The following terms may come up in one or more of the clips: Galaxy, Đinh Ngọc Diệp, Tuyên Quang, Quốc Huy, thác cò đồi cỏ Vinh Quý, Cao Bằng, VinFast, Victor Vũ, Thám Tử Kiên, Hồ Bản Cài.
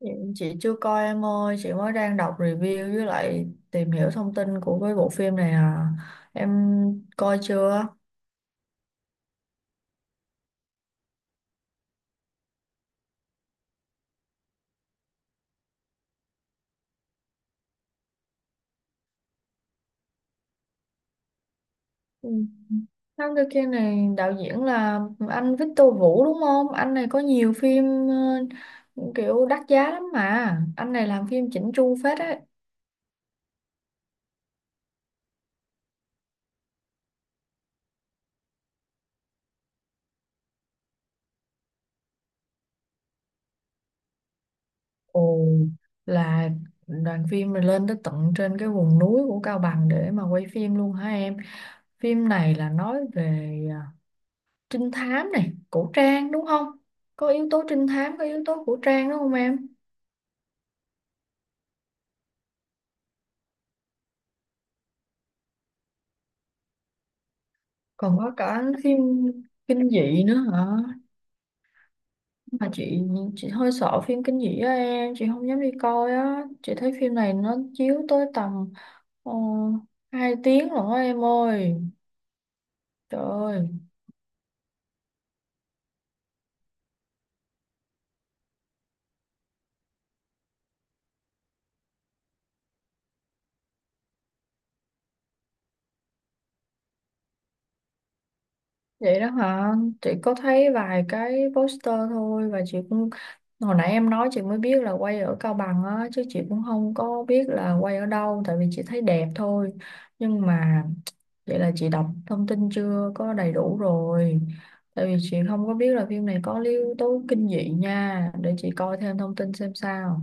Dạ, chị chưa coi em ơi, chị mới đang đọc review với lại tìm hiểu thông tin của cái bộ phim này à. Em coi chưa? Ừ. Thám Tử Kiên này đạo diễn là anh Victor Vũ đúng không? Anh này có nhiều phim ờ, kiểu đắt giá lắm mà. Anh này làm phim chỉnh chu phết ấy. Ồ, là đoàn phim này lên tới tận trên cái vùng núi của Cao Bằng để mà quay phim luôn hả em? Phim này là nói về trinh thám này cổ trang, đúng không, có yếu tố trinh thám, có yếu tố cổ trang đúng không em? Còn có cả phim kinh dị nữa hả? Mà chị hơi sợ phim kinh dị á em, chị không dám đi coi á. Chị thấy phim này nó chiếu tới tầm uh, 2 tiếng rồi á em ơi, trời ơi. Vậy đó hả? Chị có thấy vài cái poster thôi và chị cũng, hồi nãy em nói chị mới biết là quay ở Cao Bằng á, chứ chị cũng không có biết là quay ở đâu, tại vì chị thấy đẹp thôi. Nhưng mà vậy là chị đọc thông tin chưa có đầy đủ rồi. Tại vì chị không có biết là phim này có yếu tố kinh dị nha, để chị coi thêm thông tin xem sao.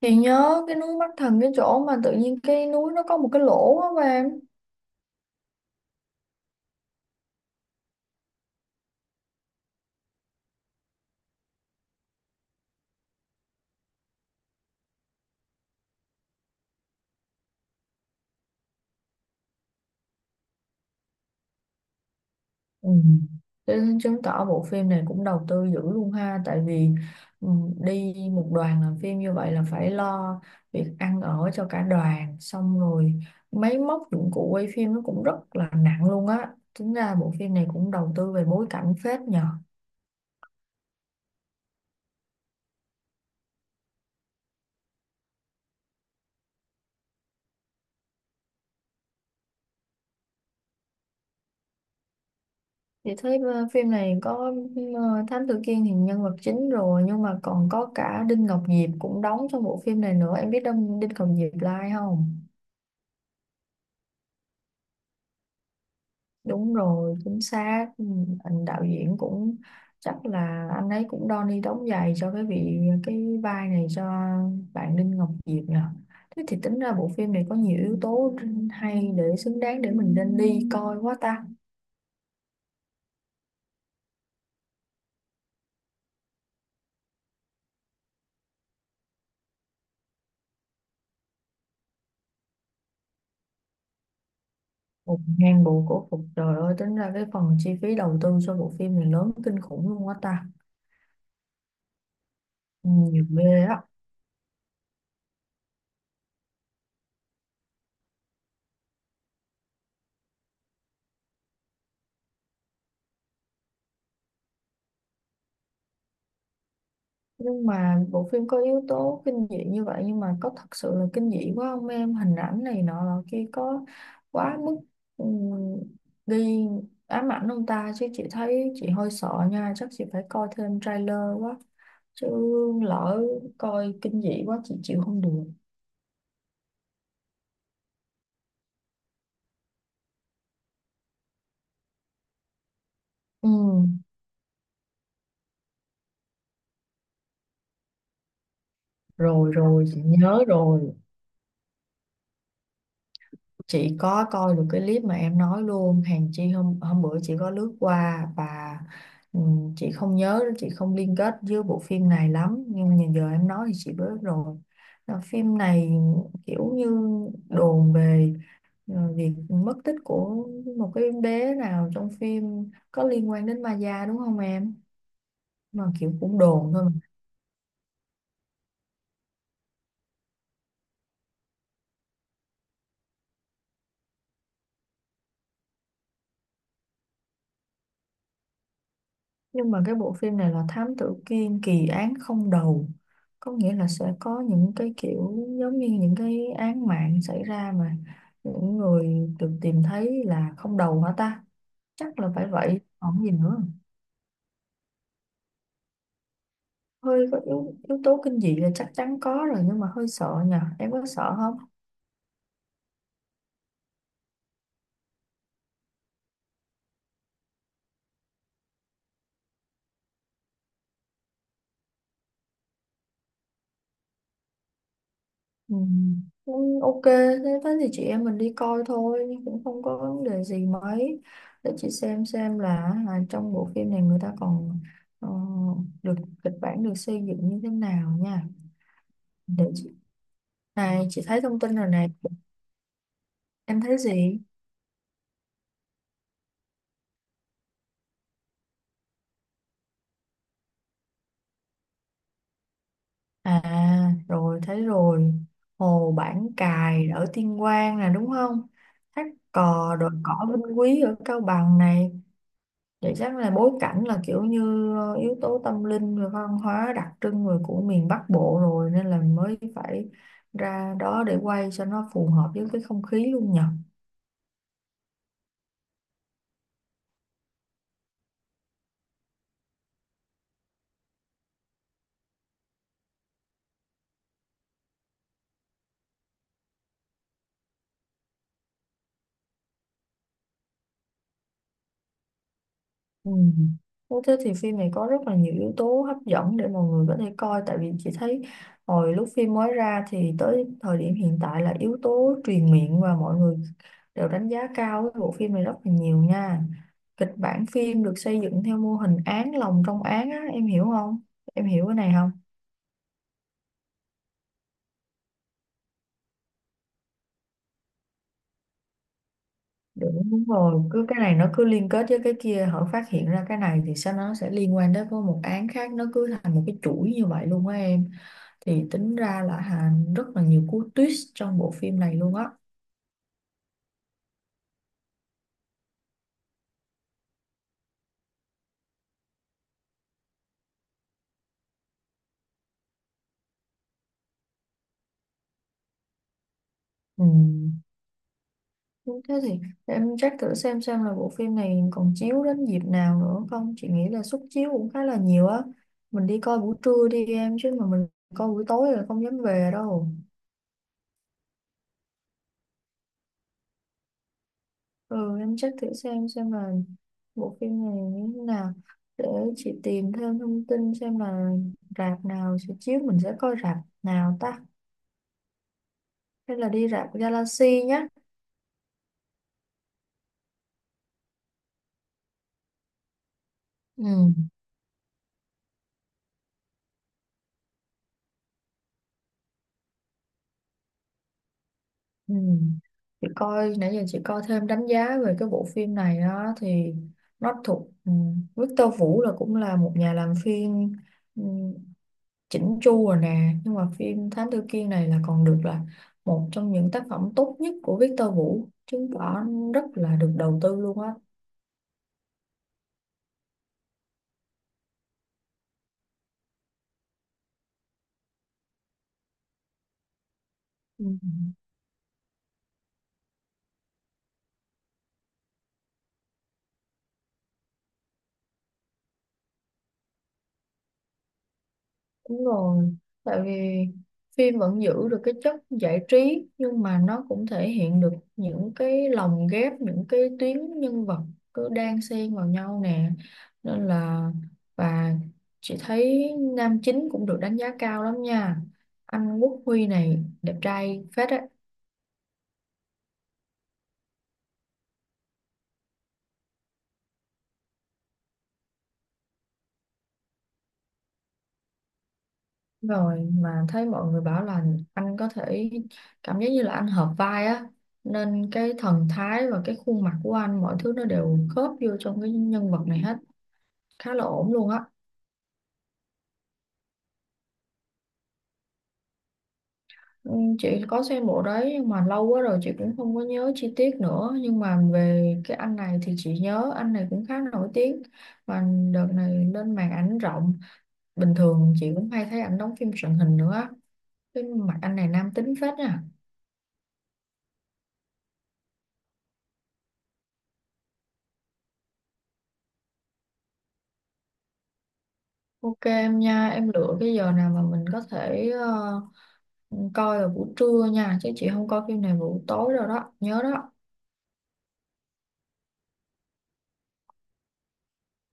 Chị nhớ cái núi Mắt Thần, cái chỗ mà tự nhiên cái núi nó có một cái lỗ á em. Ừ. Thế chứng tỏ bộ phim này cũng đầu tư dữ luôn ha, tại vì ừ, đi một đoàn làm phim như vậy là phải lo việc ăn ở cho cả đoàn, xong rồi máy móc dụng cụ quay phim nó cũng rất là nặng luôn á. Tính ra bộ phim này cũng đầu tư về bối cảnh phết nhờ. Vậy thấy phim này có, ờ, Thám Tử Kiên thì nhân vật chính rồi, nhưng mà còn có cả Đinh Ngọc Diệp cũng đóng trong bộ phim này nữa. Em biết Đinh Đinh Ngọc Diệp là ai không? Đúng rồi, chính xác. Ừ, anh đạo diễn cũng chắc là anh ấy cũng đo ni đóng giày cho cái vị cái vai này cho bạn Đinh Ngọc Diệp nhờ. Thế thì tính ra bộ phim này có nhiều yếu tố hay, để xứng đáng để mình nên đi coi quá ta. Một ngàn bộ cổ phục, trời ơi, tính ra cái phần chi phí đầu tư cho bộ phim này lớn kinh khủng luôn quá ta. Ừ, nhiều ghê á. Nhưng mà bộ phim có yếu tố kinh dị như vậy, nhưng mà có thật sự là kinh dị quá không em? Hình ảnh này nọ là kia có quá mức, ừm, đi ám ảnh ông ta chứ? Chị thấy chị hơi sợ nha, chắc chị phải coi thêm trailer quá, chứ lỡ coi kinh dị quá chị chịu không được. Ừ, rồi rồi chị nhớ rồi. Chị có coi được cái clip mà em nói luôn hàng chi, hôm hôm bữa chị có lướt qua và, chị không nhớ, chị không liên kết với bộ phim này lắm, nhưng mà giờ em nói thì chị biết rồi. Là phim này kiểu như đồn về việc mất tích của một cái bé nào trong phim có liên quan đến ma da, đúng không em? Mà kiểu cũng đồn thôi. Nhưng mà cái bộ phim này là Thám Tử Kiên kỳ án không đầu, có nghĩa là sẽ có những cái kiểu giống như những cái án mạng xảy ra, mà những người được tìm thấy là không đầu hả ta? Chắc là phải vậy còn gì nữa. Hơi có yếu tố kinh dị là chắc chắn có rồi, nhưng mà hơi sợ nhờ, em có sợ không? Ừ. Cũng ok, thế thế thì chị em mình đi coi thôi, nhưng cũng không có vấn đề gì mấy. Để chị xem là, à, trong bộ phim này người ta còn, ờ, được kịch bản được xây dựng như thế nào nha. Để chị, này chị thấy thông tin rồi này. Em thấy gì? À rồi, thấy rồi. Hồ Bản Cài ở Tuyên Quang nè, đúng không? Thác cò, đồi cỏ Vinh Quý ở Cao Bằng này. Vậy chắc là bối cảnh là kiểu như yếu tố tâm linh rồi văn hóa đặc trưng rồi của miền Bắc Bộ rồi, nên là mới phải ra đó để quay cho nó phù hợp với cái không khí luôn nhỉ. Ừ. Thế thế thì phim này có rất là nhiều yếu tố hấp dẫn để mọi người có thể coi, tại vì chị thấy hồi lúc phim mới ra thì tới thời điểm hiện tại là yếu tố truyền miệng và mọi người đều đánh giá cao cái bộ phim này rất là nhiều nha. Kịch bản phim được xây dựng theo mô hình án lồng trong án á, em hiểu không? Em hiểu cái này không? Đúng, đúng rồi, cứ cái này nó cứ liên kết với cái kia, hở phát hiện ra cái này thì sao nó sẽ liên quan đến với một án khác, nó cứ thành một cái chuỗi như vậy luôn á em. Thì tính ra là Hà, rất là nhiều cú twist trong bộ phim này luôn á. Ừ. Thế thì để em check thử xem là bộ phim này còn chiếu đến dịp nào nữa không. Chị nghĩ là suất chiếu cũng khá là nhiều á. Mình đi coi buổi trưa đi em, chứ mà mình coi buổi tối là không dám về đâu. Ừ, em check thử xem là bộ phim này như thế nào, để chị tìm thêm thông tin xem là rạp nào sẽ chiếu, mình sẽ coi rạp nào ta, hay là đi rạp Galaxy nhá. Ừ. Ừ. Chị coi nãy giờ, chị coi thêm đánh giá về cái bộ phim này á, thì nó thuộc, Victor Vũ là cũng là một nhà làm phim, ừ, chỉnh chu rồi nè, nhưng mà phim Thám Tử Kiên này là còn được là một trong những tác phẩm tốt nhất của Victor Vũ, chứng tỏ rất là được đầu tư luôn á. Ừ. Đúng rồi, tại vì phim vẫn giữ được cái chất giải trí, nhưng mà nó cũng thể hiện được những cái lồng ghép, những cái tuyến nhân vật cứ đan xen vào nhau nè. Nên là, và chị thấy nam chính cũng được đánh giá cao lắm nha. Anh Quốc Huy này đẹp trai phết á. Rồi mà thấy mọi người bảo là anh có thể, cảm giác như là anh hợp vai á. Nên cái thần thái và cái khuôn mặt của anh, mọi thứ nó đều khớp vô trong cái nhân vật này hết, khá là ổn luôn á. Ừ, chị có xem bộ đấy nhưng mà lâu quá rồi chị cũng không có nhớ chi tiết nữa, nhưng mà về cái anh này thì chị nhớ anh này cũng khá nổi tiếng, mà đợt này lên màn ảnh rộng, bình thường chị cũng hay thấy ảnh đóng phim truyền hình nữa á. Cái mặt anh này nam tính phết nha. Ok em nha, em lựa cái giờ nào mà mình có thể, coi vào buổi trưa nha, chứ chị không coi phim này vào buổi tối rồi đó, nhớ đó.